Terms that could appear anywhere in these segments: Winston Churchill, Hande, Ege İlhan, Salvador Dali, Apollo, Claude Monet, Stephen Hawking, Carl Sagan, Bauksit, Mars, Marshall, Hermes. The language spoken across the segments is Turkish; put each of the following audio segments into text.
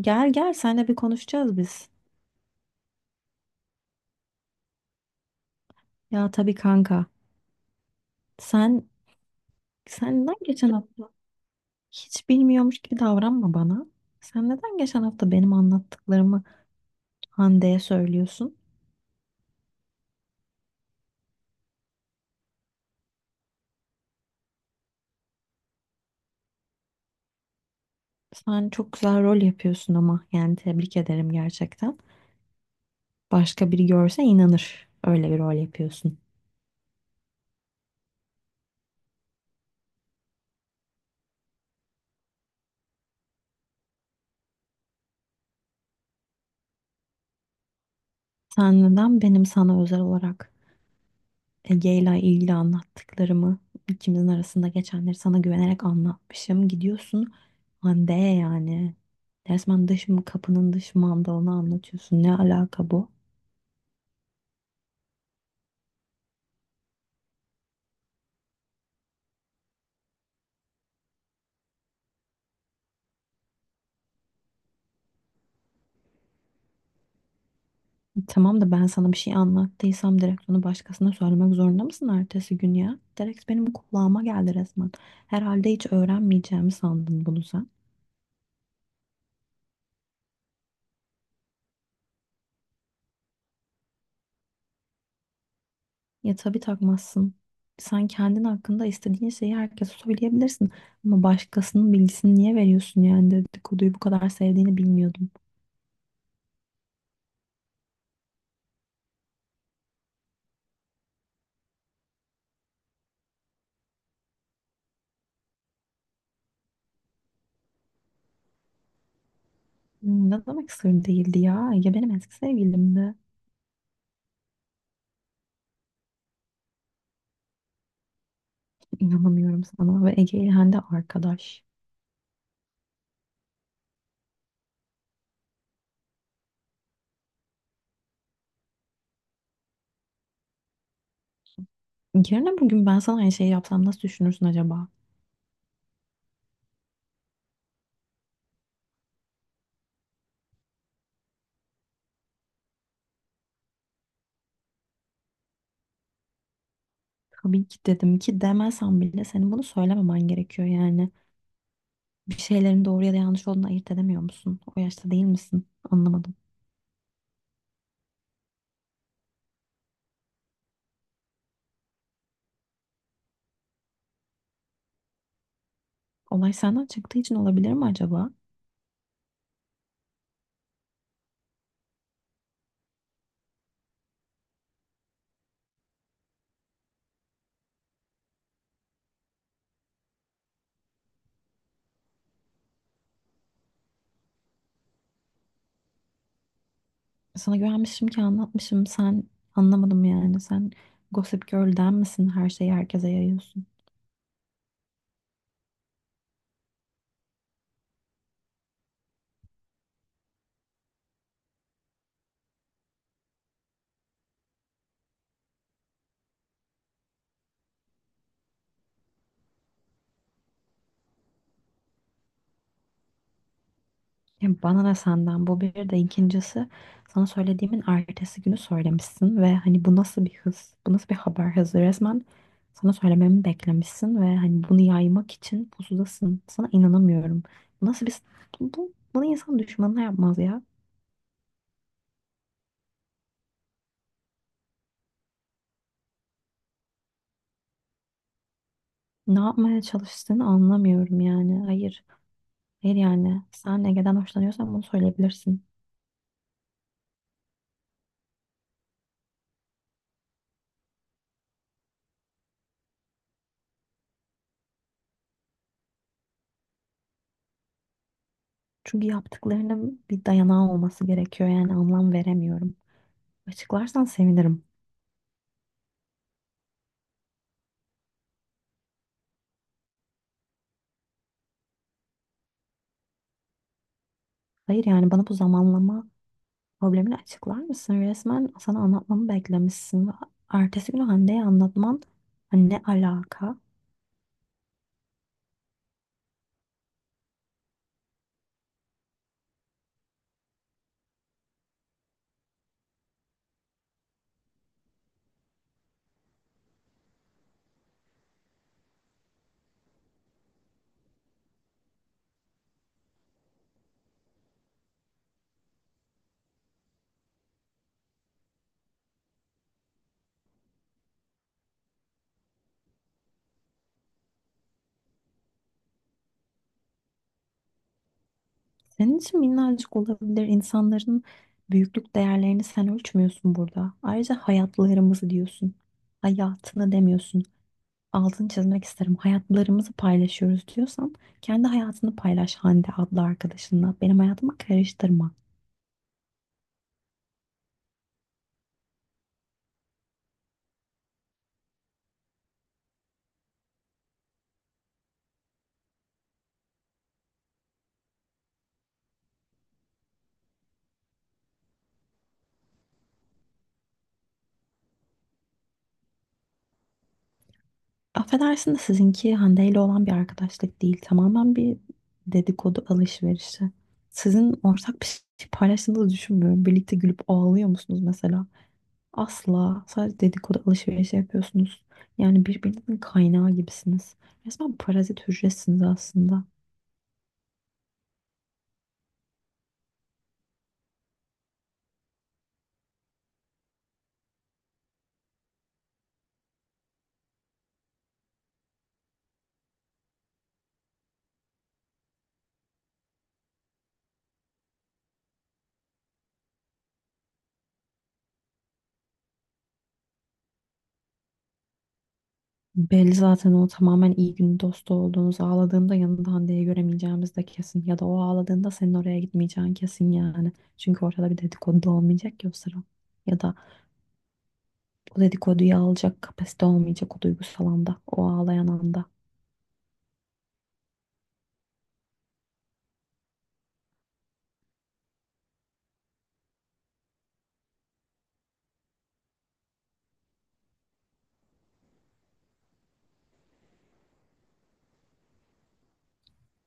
Gel gel seninle bir konuşacağız biz. Ya tabii kanka. Sen sen neden geçen hafta hiç bilmiyormuş gibi davranma bana. Sen neden geçen hafta benim anlattıklarımı Hande'ye söylüyorsun? Sen çok güzel rol yapıyorsun ama yani tebrik ederim gerçekten. Başka biri görse inanır öyle bir rol yapıyorsun. Sen neden benim sana özel olarak Ege'yle ilgili anlattıklarımı ikimizin arasında geçenleri sana güvenerek anlatmışım. Gidiyorsun Hande yani. Resmen dış kapının dış mandalını anlatıyorsun. Ne alaka bu? Tamam da ben sana bir şey anlattıysam direkt onu başkasına söylemek zorunda mısın ertesi gün ya? Direkt benim kulağıma geldi resmen. Herhalde hiç öğrenmeyeceğimi sandın bunu sen. Ya tabii takmazsın. Sen kendin hakkında istediğin şeyi herkese söyleyebilirsin. Ama başkasının bilgisini niye veriyorsun yani dedikoduyu bu kadar sevdiğini bilmiyordum. Ne demek sır değildi ya. Ege benim eski sevgilimdi. İnanamıyorum sana ve Ege İlhan de arkadaş. Yarın bugün ben sana aynı şeyi yapsam nasıl düşünürsün acaba? Tabii ki dedim ki demesem bile senin bunu söylememen gerekiyor yani. Bir şeylerin doğru ya da yanlış olduğunu ayırt edemiyor musun? O yaşta değil misin? Anlamadım. Olay senden çıktığı için olabilir mi acaba? Sana güvenmişim ki anlatmışım. Sen anlamadım yani. Sen Gossip Girl'den misin? Her şeyi herkese yayıyorsun. Ya bana ne senden bu bir de ikincisi sana söylediğimin ertesi günü söylemişsin ve hani bu nasıl bir hız? Bu nasıl bir haber hızı? Resmen sana söylememi beklemişsin ve hani bunu yaymak için pusudasın. Sana inanamıyorum. Bu nasıl bir bunu insan düşmanına yapmaz ya. Ne yapmaya çalıştığını anlamıyorum yani. Hayır. Hayır yani. Sen Ege'den hoşlanıyorsan bunu söyleyebilirsin. Çünkü yaptıklarının bir dayanağı olması gerekiyor yani anlam veremiyorum. Açıklarsan sevinirim. Hayır yani bana bu zamanlama problemini açıklar mısın? Resmen sana anlatmamı beklemişsin ve ertesi günü Hande'ye anlatman, hani ne alaka? Senin için minnacık olabilir. İnsanların büyüklük değerlerini sen ölçmüyorsun burada. Ayrıca hayatlarımızı diyorsun. Hayatını demiyorsun. Altını çizmek isterim. Hayatlarımızı paylaşıyoruz diyorsan kendi hayatını paylaş Hande adlı arkadaşınla. Benim hayatıma karıştırma. Affedersin de sizinki Hande ile olan bir arkadaşlık değil. Tamamen bir dedikodu alışverişi. Sizin ortak bir şey paylaştığınızı düşünmüyorum. Birlikte gülüp ağlıyor musunuz mesela? Asla. Sadece dedikodu alışverişi yapıyorsunuz. Yani birbirinizin kaynağı gibisiniz. Resmen parazit hücresiniz aslında. Belli zaten o tamamen iyi gün dostu olduğunuz ağladığında yanında Hande'yi göremeyeceğimiz de kesin. Ya da o ağladığında senin oraya gitmeyeceğin kesin yani. Çünkü ortada bir dedikodu da olmayacak ya o sıra. Ya da o dedikoduyu alacak kapasite olmayacak o duygusal anda. O ağlayan anda.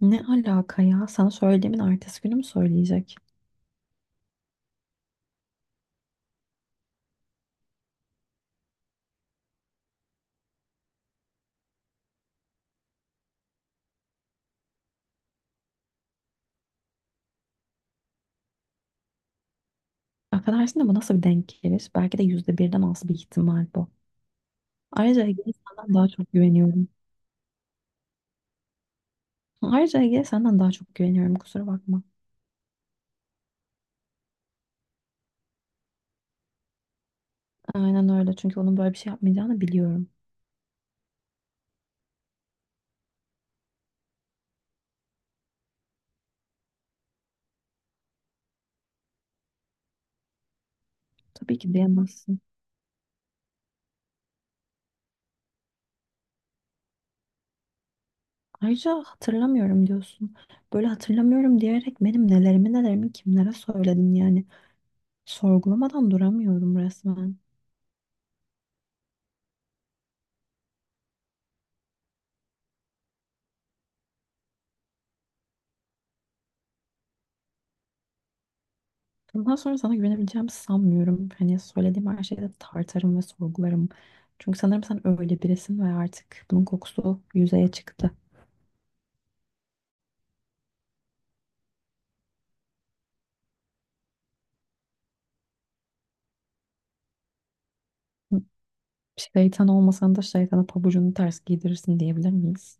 Ne alaka ya? Sana söylediğimin ertesi günü mü söyleyecek? Affedersin de bu nasıl bir denk gelir? Belki de yüzde birden az bir ihtimal bu. Ayrıca Ege'ye senden daha çok güveniyorum. Ayrıca Ege'ye senden daha çok güveniyorum kusura bakma. Aynen öyle çünkü onun böyle bir şey yapmayacağını biliyorum. Tabii ki diyemezsin. Ayrıca hatırlamıyorum diyorsun. Böyle hatırlamıyorum diyerek benim nelerimi nelerimi kimlere söyledin yani. Sorgulamadan duramıyorum resmen. Bundan sonra sana güvenebileceğimi sanmıyorum. Hani söylediğim her şeyde tartarım ve sorgularım. Çünkü sanırım sen öyle birisin ve artık bunun kokusu yüzeye çıktı. Şeytan olmasan da şeytana pabucunu ters giydirirsin diyebilir miyiz?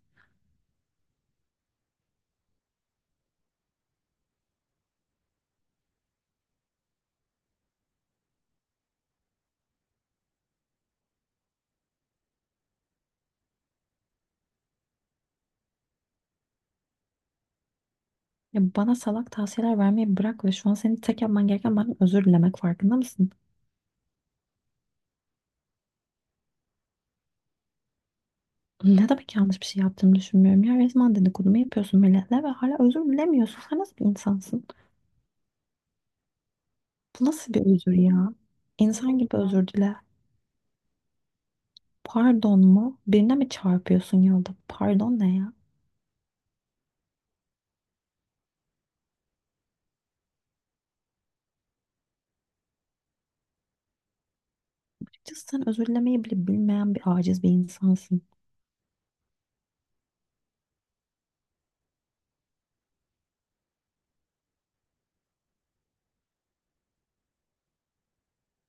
Ya bana salak tavsiyeler vermeyi bırak ve şu an senin tek yapman gereken benden özür dilemek farkında mısın? Ne demek yanlış bir şey yaptığını düşünmüyorum ya. Resmen dedikodumu yapıyorsun milletle ve hala özür dilemiyorsun. Sen nasıl bir insansın? Bu nasıl bir özür ya? İnsan gibi özür dile. Pardon mu? Birine mi çarpıyorsun yolda? Pardon ne ya? Açıkçası sen özür dilemeyi bile bilmeyen bir aciz bir insansın.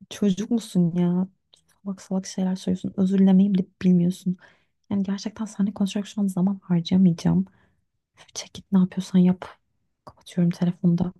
Çocuk musun ya? Salak salak şeyler söylüyorsun. Özür dilemeyi bile bilmiyorsun. Yani gerçekten seninle konuşarak şu an zaman harcamayacağım. Üf, çek git ne yapıyorsan yap. Kapatıyorum telefonda.